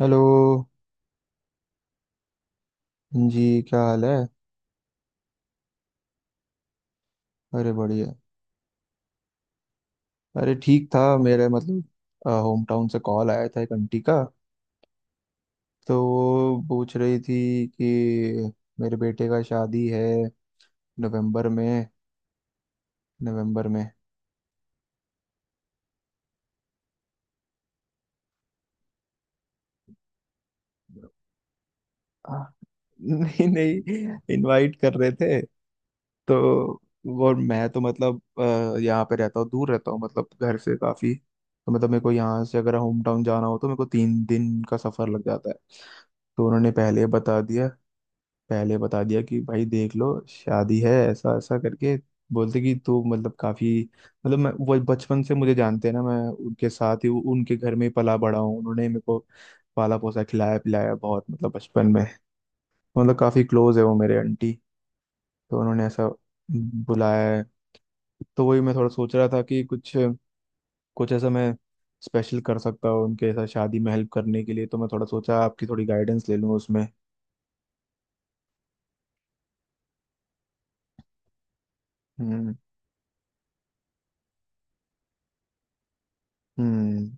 Hello. जी क्या हाल है। अरे बढ़िया। अरे ठीक था मेरे मतलब। होम टाउन से कॉल आया था एक आंटी का। तो वो पूछ रही थी कि मेरे बेटे का शादी है नवंबर में। नवंबर में। आ, नहीं नहीं इनवाइट कर रहे थे। तो और मैं तो मतलब यहाँ पे रहता हूँ दूर रहता हूँ मतलब घर से काफी। तो मतलब मेरे को यहाँ से अगर होम टाउन जाना हो तो मेरे को 3 दिन का सफर लग जाता है। तो उन्होंने पहले ही बता दिया। पहले बता दिया कि भाई देख लो शादी है ऐसा ऐसा करके बोलते कि तू मतलब काफी मतलब। मैं वो बचपन से मुझे जानते हैं ना। मैं उनके साथ ही उनके घर में ही पला बड़ा हूँ। उन्होंने मेरे को पाला पोसा खिलाया पिलाया बहुत मतलब बचपन में। मतलब काफी क्लोज है वो मेरे आंटी। तो उन्होंने ऐसा बुलाया है। तो वही मैं थोड़ा सोच रहा था कि कुछ कुछ ऐसा मैं स्पेशल कर सकता हूँ उनके साथ शादी में हेल्प करने के लिए। तो मैं थोड़ा सोचा आपकी थोड़ी गाइडेंस ले लूँ उसमें। हम्म। हम्म।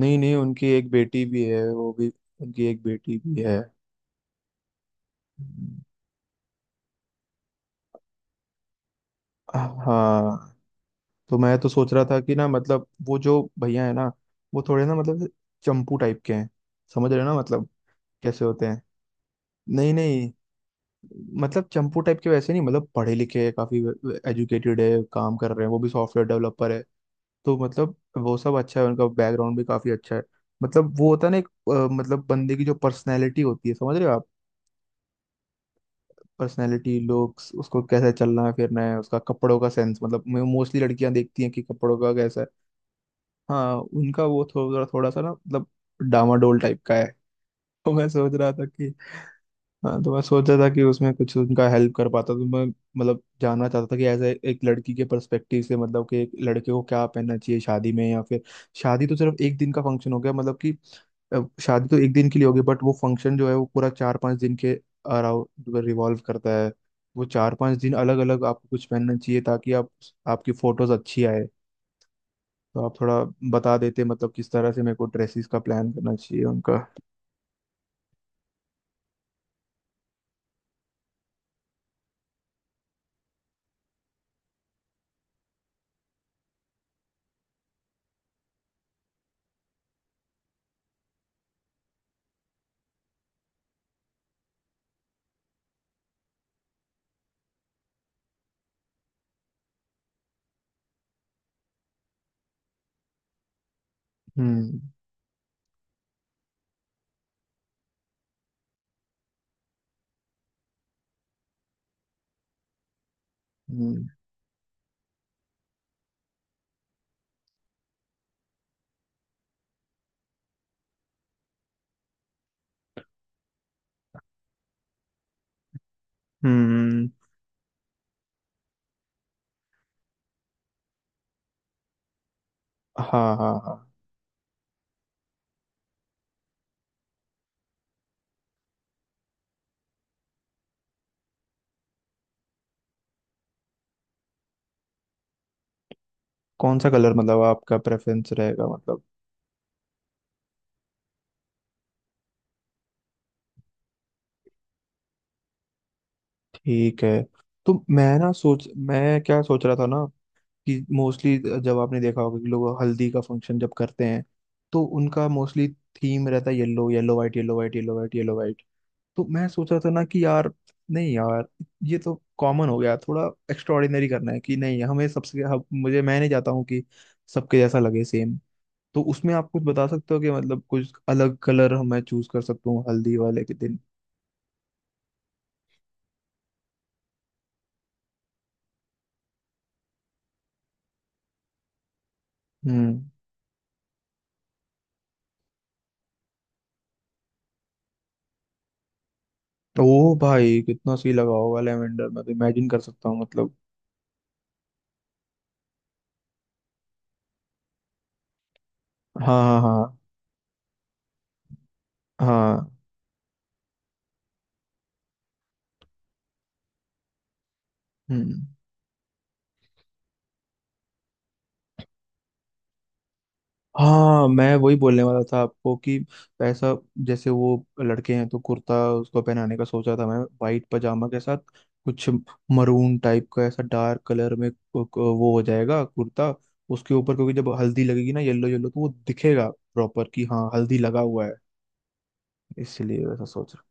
नहीं नहीं उनकी एक बेटी भी है वो भी। उनकी एक बेटी भी है। हाँ। तो मैं तो सोच रहा था कि ना मतलब वो जो भैया है ना वो थोड़े ना मतलब चंपू टाइप के हैं। समझ रहे हो ना मतलब कैसे होते हैं। नहीं नहीं मतलब चंपू टाइप के वैसे नहीं मतलब पढ़े लिखे हैं काफी एजुकेटेड है काम कर रहे हैं वो भी सॉफ्टवेयर डेवलपर है। तो मतलब वो सब अच्छा है उनका बैकग्राउंड भी काफी अच्छा है। मतलब वो होता है ना एक मतलब बंदे की जो पर्सनैलिटी होती है समझ रहे हो आप। पर्सनैलिटी लुक्स उसको कैसे चलना है फिरना है उसका कपड़ों का सेंस मतलब मोस्टली लड़कियां देखती हैं कि कपड़ों का कैसा है। हाँ उनका वो थोड़ा थोड़ा सा ना मतलब डामाडोल टाइप का है। तो मैं सोच रहा था कि हाँ तो मैं सोचा था कि उसमें कुछ उनका हेल्प कर पाता तो मैं मतलब जानना चाहता था कि एज एक लड़की के पर्सपेक्टिव से मतलब कि एक लड़के को क्या पहनना चाहिए शादी में या फिर शादी तो सिर्फ एक दिन का फंक्शन हो गया मतलब कि शादी तो एक दिन के लिए होगी बट वो फंक्शन जो है वो पूरा 4-5 दिन के अराउंड रिवॉल्व करता है। वो 4-5 दिन अलग अलग आपको कुछ पहनना चाहिए ताकि आप आपकी फोटोज अच्छी आए। तो आप थोड़ा बता देते मतलब किस तरह से मेरे को ड्रेसेस का प्लान करना चाहिए उनका। हम्म। हम्म। हम्म। हाँ हाँ हाँ। कौन सा कलर मतलब आपका प्रेफरेंस रहेगा मतलब। ठीक है। तो मैं ना सोच मैं क्या सोच रहा था ना कि मोस्टली जब आपने देखा होगा कि लोग हल्दी का फंक्शन जब करते हैं तो उनका मोस्टली थीम रहता है yellow yellow white yellow white yellow white yellow white. तो मैं सोच रहा था ना कि यार नहीं यार ये तो कॉमन हो गया थोड़ा एक्स्ट्राऑर्डिनरी करना है कि नहीं हमें सबसे हम, मुझे मैं नहीं चाहता हूँ कि सबके जैसा लगे सेम। तो उसमें आप कुछ बता सकते हो कि मतलब कुछ अलग कलर मैं चूज कर सकता हूँ हल्दी वाले के दिन। हम्म। ओ भाई कितना सही लगा होगा लेवेंडर मैं तो इमेजिन कर सकता हूँ मतलब। हाँ हाँ हाँ हाँ। हम्म। हाँ मैं वही बोलने वाला था आपको कि पैसा जैसे वो लड़के हैं तो कुर्ता उसको पहनाने का सोचा था मैं वाइट पजामा के साथ कुछ मरून टाइप का ऐसा डार्क कलर में वो हो जाएगा कुर्ता। उसके ऊपर क्योंकि जब हल्दी लगेगी ना येलो येलो तो वो दिखेगा प्रॉपर कि हाँ हल्दी लगा हुआ है। इसलिए वैसा सोच रहा।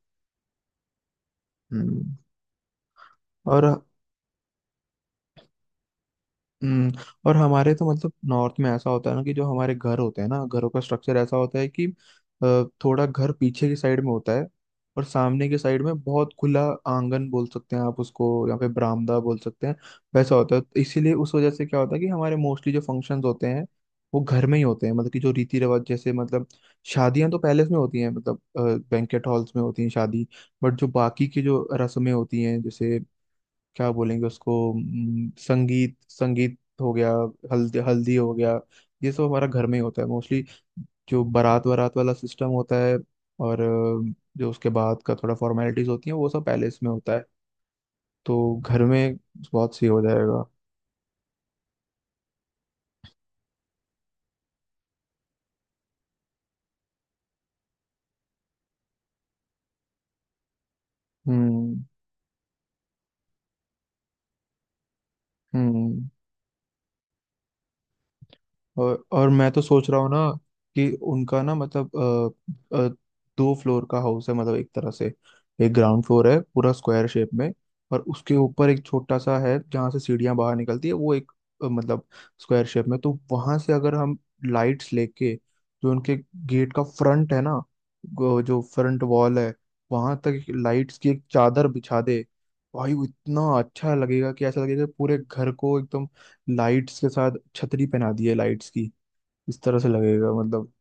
हम्म। और हम्म, हमारे तो मतलब नॉर्थ में ऐसा होता है ना कि जो हमारे घर होते हैं ना घरों का स्ट्रक्चर ऐसा होता है कि थोड़ा घर पीछे की साइड में होता है। और सामने की साइड में बहुत खुला आंगन बोल सकते हैं आप उसको या फिर बरामदा बोल सकते हैं। वैसा होता है तो इसीलिए उस वजह से क्या होता है कि हमारे मोस्टली जो फंक्शंस होते हैं वो घर में ही होते हैं मतलब कि जो रीति रिवाज जैसे मतलब शादियां तो पैलेस में होती हैं मतलब बैंकेट हॉल्स में होती हैं शादी। बट जो बाकी की जो रस्में होती हैं जैसे क्या बोलेंगे उसको संगीत संगीत हो गया हल्दी हल्दी हो गया। ये सब हमारा घर में ही होता है मोस्टली। जो बारात वारात वाला सिस्टम होता है और जो उसके बाद का थोड़ा फॉर्मेलिटीज होती है वो सब पैलेस में होता है। तो घर में बहुत सही हो जाएगा। हम्म। हम्म। और मैं तो सोच रहा हूँ ना कि उनका ना मतलब अ, अ, 2 फ्लोर का हाउस है मतलब एक तरह से। एक ग्राउंड फ्लोर है पूरा स्क्वायर शेप में। और उसके ऊपर एक छोटा सा है जहाँ से सीढ़ियाँ बाहर निकलती है वो एक मतलब स्क्वायर शेप में। तो वहां से अगर हम लाइट्स लेके जो उनके गेट का फ्रंट है ना जो फ्रंट वॉल है वहां तक लाइट्स की एक चादर बिछा दे। भाई वो इतना अच्छा लगेगा कि ऐसा लगेगा कि पूरे घर को एकदम लाइट्स के साथ छतरी पहना दी है लाइट्स की। इस तरह से लगेगा मतलब।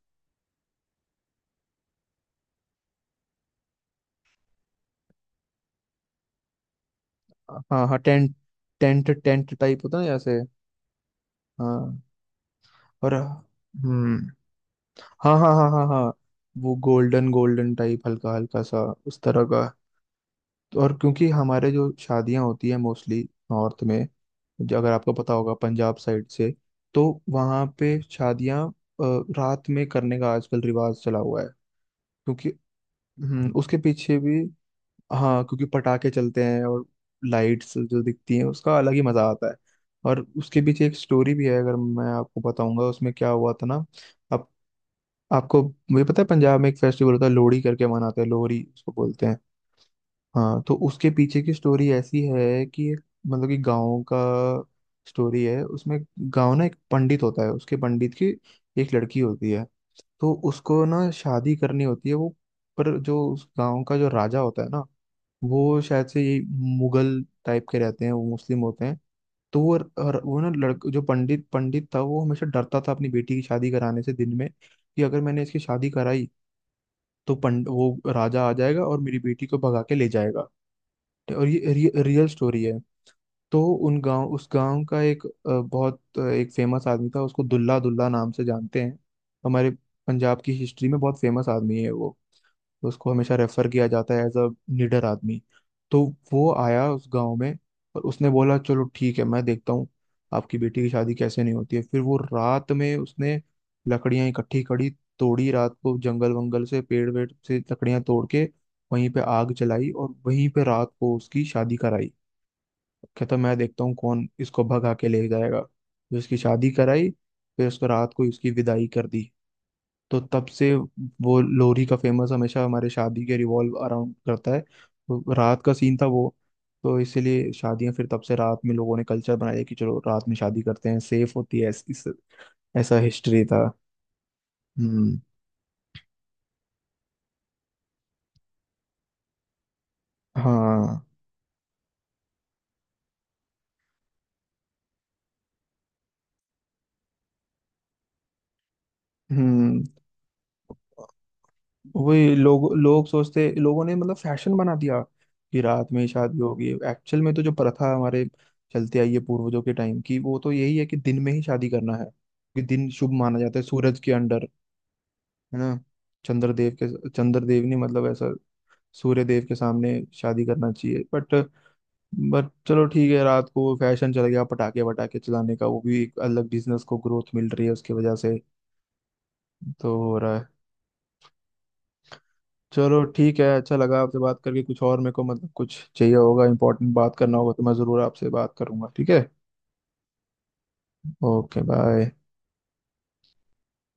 हाँ हाँ टेंट टेंट टेंट टाइप होता है ना ऐसे। हाँ। और हम्म। हाँ हाँ हाँ हाँ हाँ। वो गोल्डन गोल्डन टाइप हल्का हल्का सा। उस तरह का। तो और क्योंकि हमारे जो शादियां होती है मोस्टली नॉर्थ में जो अगर आपको पता होगा पंजाब साइड से तो वहाँ पे शादियां रात में करने का आजकल रिवाज चला हुआ है। क्योंकि उसके पीछे भी। हाँ क्योंकि पटाखे चलते हैं और लाइट्स जो दिखती हैं उसका अलग ही मजा आता है। और उसके पीछे एक स्टोरी भी है अगर मैं आपको बताऊंगा उसमें क्या हुआ था ना। आप आपको मुझे पता है पंजाब में एक फेस्टिवल होता है लोहड़ी करके मनाते हैं लोहड़ी उसको बोलते हैं। हाँ तो उसके पीछे की स्टोरी ऐसी है कि मतलब कि गाँव का स्टोरी है उसमें। गाँव ना एक पंडित होता है उसके पंडित की एक लड़की होती है। तो उसको ना शादी करनी होती है वो। पर जो उस गांव का जो राजा होता है ना वो शायद से ये मुगल टाइप के रहते हैं वो मुस्लिम होते हैं। तो वो और वो ना लड़क जो पंडित पंडित था वो हमेशा डरता था अपनी बेटी की शादी कराने से दिन में। कि अगर मैंने इसकी शादी कराई तो पंड वो राजा आ जाएगा और मेरी बेटी को भगा के ले जाएगा। और ये रियल स्टोरी है। तो उन गांव उस गांव का एक बहुत एक फेमस आदमी था उसको दुल्ला दुल्ला नाम से जानते हैं। हमारे पंजाब की हिस्ट्री में बहुत फेमस आदमी है वो। तो उसको हमेशा रेफर किया जाता है एज अ निडर आदमी। तो वो आया उस गांव में और उसने बोला चलो ठीक है मैं देखता हूँ आपकी बेटी की शादी कैसे नहीं होती है। फिर वो रात में उसने लकड़ियां इकट्ठी करी तोड़ी रात को जंगल वंगल से पेड़ वेड़ से लकड़ियां तोड़ के वहीं पे आग जलाई और वहीं पे रात को उसकी शादी कराई। कहता मैं देखता हूँ कौन इसको भगा के ले जाएगा फिर उसकी शादी कराई। फिर उसको रात को ही उसकी विदाई कर दी। तो तब से वो लोरी का फेमस हमेशा हमारे शादी के रिवॉल्व अराउंड करता है। तो रात का सीन था वो। तो इसीलिए शादियां फिर तब से रात में लोगों ने कल्चर बनाया कि चलो रात में शादी करते हैं सेफ होती है ऐसा हिस्ट्री था। हम्म। हाँ। हम्म। वही लोग लोग सोचते लोगों ने मतलब फैशन बना दिया कि रात में ही शादी होगी एक्चुअल में। तो जो प्रथा हमारे चलते आई है पूर्वजों के टाइम की वो तो यही है कि दिन में ही शादी करना है। कि दिन शुभ माना जाता है सूरज के अंडर है ना। चंद्रदेव ने मतलब ऐसा सूर्य देव के सामने शादी करना चाहिए बट। चलो ठीक है रात को फैशन चल गया पटाखे वटाखे चलाने का वो भी एक अलग बिजनेस को ग्रोथ मिल रही है उसकी वजह से। तो हो रहा है। चलो ठीक है अच्छा लगा आपसे बात करके कुछ और मेरे को मतलब कुछ चाहिए होगा इंपॉर्टेंट बात करना होगा तो मैं ज़रूर आपसे बात करूंगा ठीक है। Okay bye.